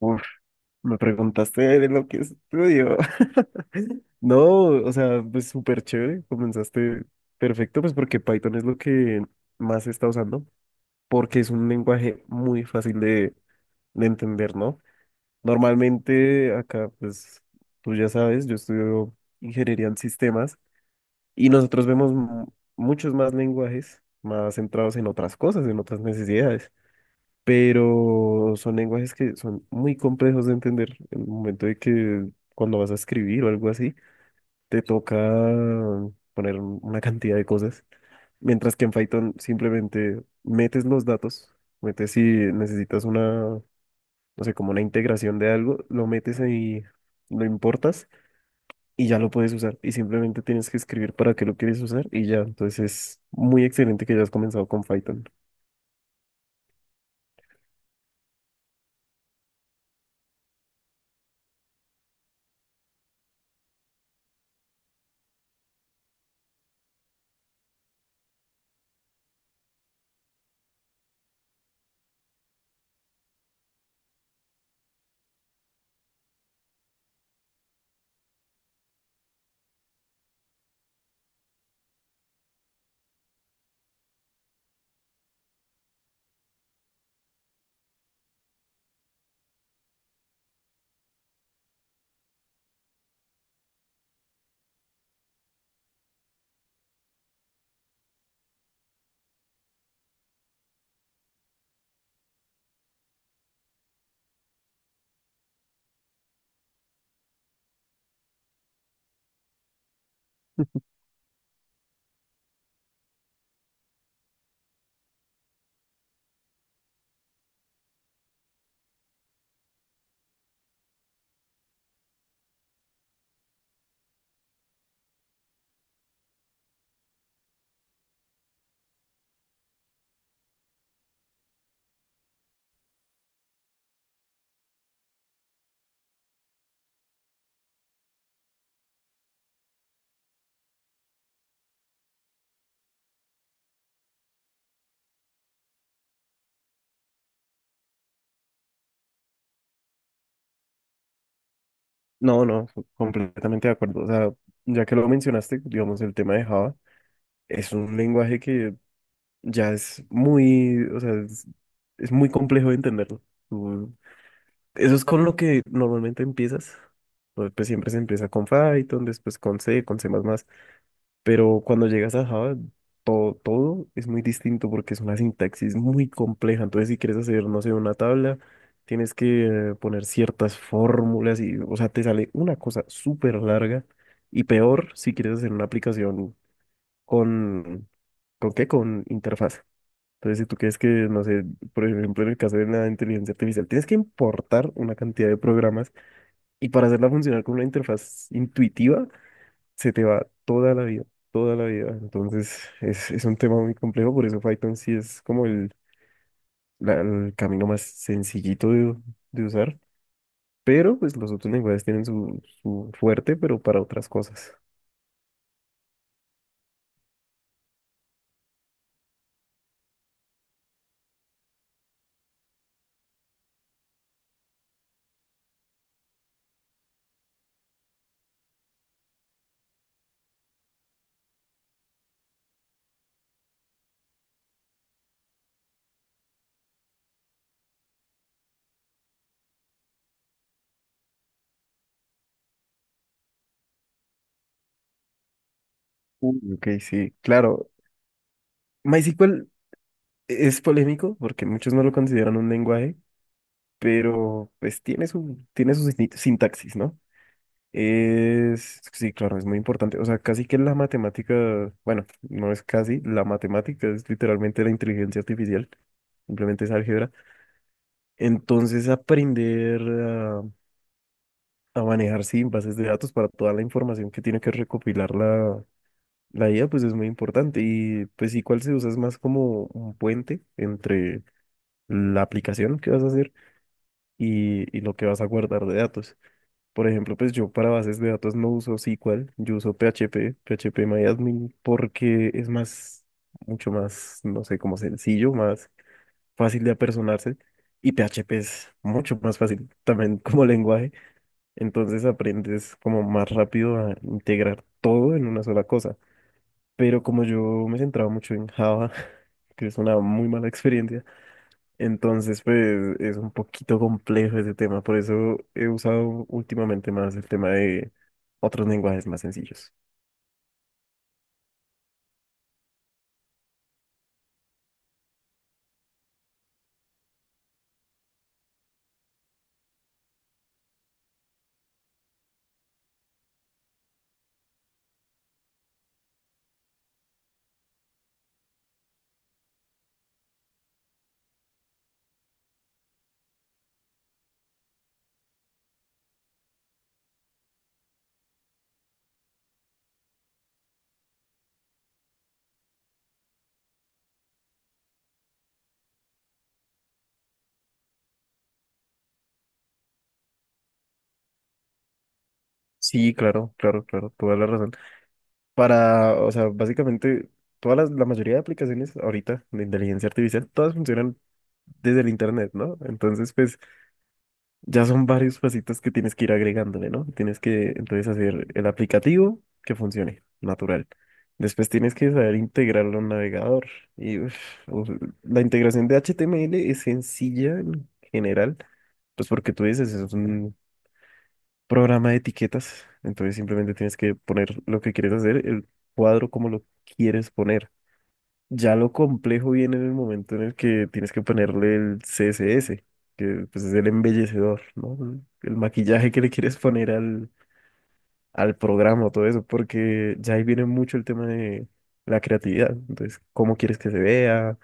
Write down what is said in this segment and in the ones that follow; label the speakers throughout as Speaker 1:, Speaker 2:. Speaker 1: Uf, Me preguntaste de lo que estudio. No, o sea, pues súper chévere, comenzaste perfecto, pues porque Python es lo que más se está usando, porque es un lenguaje muy fácil de entender, ¿no? Normalmente acá, pues tú ya sabes, yo estudio ingeniería en sistemas y nosotros vemos muchos más lenguajes más centrados en otras cosas, en otras necesidades. Pero son lenguajes que son muy complejos de entender. En el momento de que cuando vas a escribir o algo así, te toca poner una cantidad de cosas, mientras que en Python simplemente metes los datos, metes si necesitas una, no sé, como una integración de algo, lo metes ahí, lo importas y ya lo puedes usar y simplemente tienes que escribir para qué lo quieres usar y ya. Entonces es muy excelente que hayas comenzado con Python. No, no, completamente de acuerdo. O sea, ya que lo mencionaste, digamos, el tema de Java, es un lenguaje que ya es muy, o sea, es muy complejo de entenderlo. Tú- eso es con lo que normalmente empiezas. Pues siempre se empieza con Python, después con C, con C++. Pero cuando llegas a Java, todo es muy distinto porque es una sintaxis muy compleja. Entonces, si quieres hacer, no sé, una tabla, tienes que poner ciertas fórmulas y, o sea, te sale una cosa súper larga. Y peor si quieres hacer una aplicación con, ¿con qué? Con interfaz. Entonces, si tú quieres que, no sé, por ejemplo, en el caso de la inteligencia artificial, tienes que importar una cantidad de programas y para hacerla funcionar con una interfaz intuitiva se te va toda la vida, toda la vida. Entonces es un tema muy complejo, por eso Python sí es como el, el camino más sencillito de usar, pero pues los otros lenguajes tienen su, su fuerte, pero para otras cosas. Uy, ok, sí, claro. MySQL es polémico porque muchos no lo consideran un lenguaje, pero pues tiene su sintaxis, ¿no? Es, sí, claro, es muy importante. O sea, casi que la matemática, bueno, no es casi, la matemática es literalmente la inteligencia artificial, simplemente es álgebra. Entonces, aprender a manejar, sí, bases de datos para toda la información que tiene que recopilar la IA, pues es muy importante. Y pues igual se usa es más como un puente entre la aplicación que vas a hacer y lo que vas a guardar de datos. Por ejemplo, pues yo para bases de datos no uso SQL, yo uso PHP, PHP MyAdmin, porque es más, mucho más, no sé, como sencillo, más fácil de apersonarse. Y PHP es mucho más fácil también como lenguaje. Entonces aprendes como más rápido a integrar todo en una sola cosa. Pero como yo me centraba mucho en Java, que es una muy mala experiencia, entonces, pues es un poquito complejo ese tema, por eso he usado últimamente más el tema de otros lenguajes más sencillos. Sí, claro, claro, claro, toda la razón. Para, o sea, básicamente, todas las, la mayoría de aplicaciones ahorita de inteligencia artificial, todas funcionan desde el internet, ¿no? Entonces, pues ya son varios pasitos que tienes que ir agregándole, ¿no? Tienes que entonces hacer el aplicativo que funcione, natural. Después tienes que saber integrarlo a un navegador. Y uf, uf, la integración de HTML es sencilla en general, pues porque tú dices, es un programa de etiquetas, entonces simplemente tienes que poner lo que quieres hacer, el cuadro como lo quieres poner. Ya lo complejo viene en el momento en el que tienes que ponerle el CSS, que pues es el embellecedor, ¿no? El maquillaje que le quieres poner al, al programa, todo eso, porque ya ahí viene mucho el tema de la creatividad. Entonces, cómo quieres que se vea,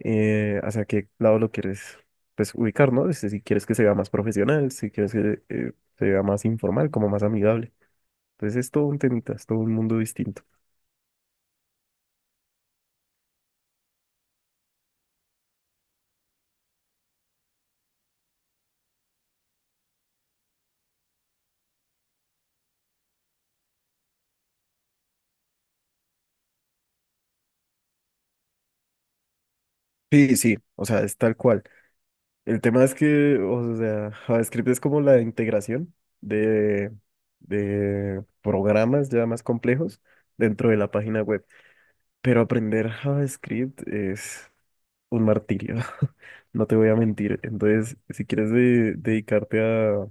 Speaker 1: hacia qué lado lo quieres pues, ubicar, ¿no? Este, si quieres que se vea más profesional, si quieres que se vea más informal, como más amigable. Entonces, es todo un temita, es todo un mundo distinto. Sí, sí, o sea, es tal cual. El tema es que, o sea, JavaScript es como la integración de, de programas ya más complejos dentro de la página web. Pero aprender JavaScript es un martirio, no te voy a mentir. Entonces, si quieres dedicarte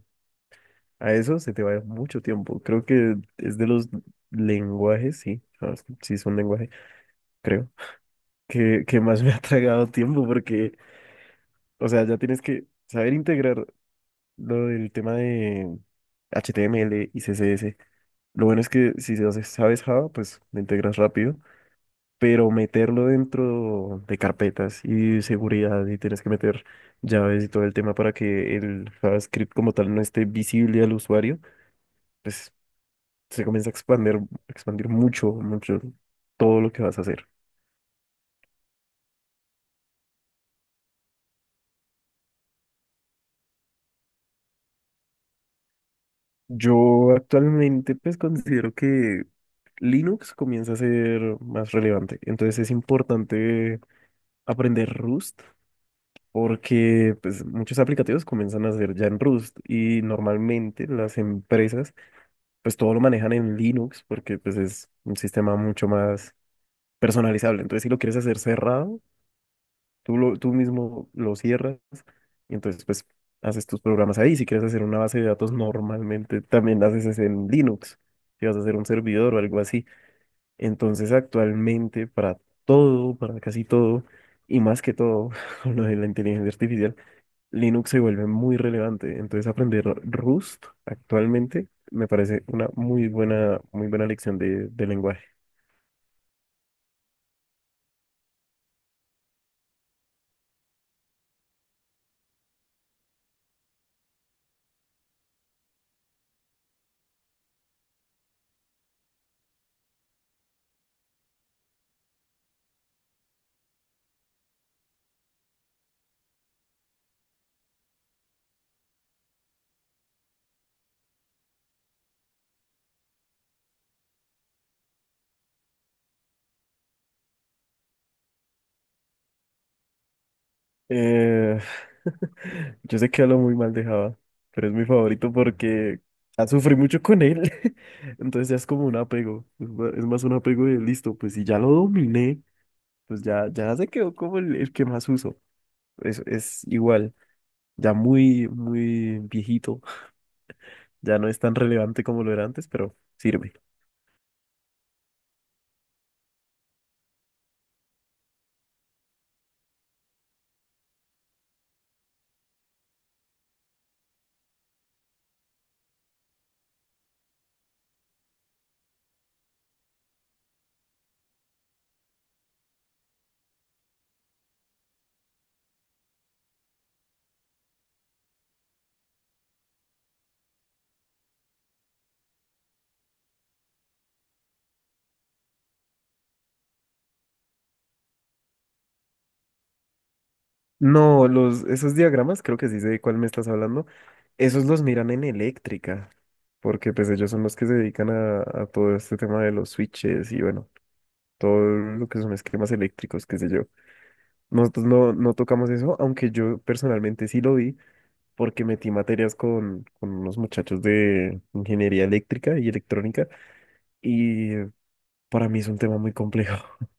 Speaker 1: a eso, se te va a ir mucho tiempo. Creo que es de los lenguajes, sí, JavaScript sí es un lenguaje, creo, que más me ha tragado tiempo porque, o sea, ya tienes que saber integrar. Lo del tema de HTML y CSS. Lo bueno es que si se hace- sabes Java, pues lo integras rápido, pero meterlo dentro de carpetas y seguridad y tienes que meter llaves y todo el tema para que el JavaScript como tal no esté visible al usuario, pues se comienza a expandir, expandir mucho, mucho todo lo que vas a hacer. Yo actualmente pues considero que Linux comienza a ser más relevante, entonces es importante aprender Rust porque pues, muchos aplicativos comienzan a hacer ya en Rust y normalmente las empresas pues todo lo manejan en Linux porque pues es un sistema mucho más personalizable. Entonces si lo quieres hacer cerrado, tú, lo, tú mismo lo cierras y entonces pues haces tus programas ahí. Si quieres hacer una base de datos normalmente también la haces es en Linux. Si vas a hacer un servidor o algo así. Entonces actualmente para todo, para casi todo y más que todo con lo de la inteligencia artificial Linux se vuelve muy relevante. Entonces aprender Rust actualmente me parece una muy buena lección de lenguaje. Eh, yo sé que hablo muy mal de Java, pero es mi favorito porque ya sufrí mucho con él. Entonces ya es como un apego. Es es más un apego de listo, pues si ya lo dominé, pues ya, ya se quedó como el que más uso. Es igual, ya muy, muy viejito. Ya no es tan relevante como lo era antes, pero sirve. No, los, esos diagramas, creo que sí sé de cuál me estás hablando, esos los miran en eléctrica, porque pues ellos son los que se dedican a todo este tema de los switches y bueno, todo lo que son esquemas eléctricos, qué sé yo. Nosotros no, no tocamos eso, aunque yo personalmente sí lo vi, porque metí materias con unos muchachos de ingeniería eléctrica y electrónica, y para mí es un tema muy complejo.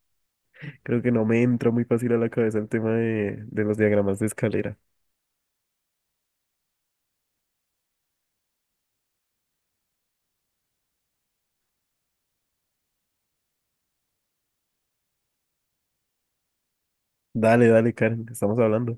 Speaker 1: Creo que no me entra muy fácil a la cabeza el tema de los diagramas de escalera. Dale, dale, Karen, estamos hablando.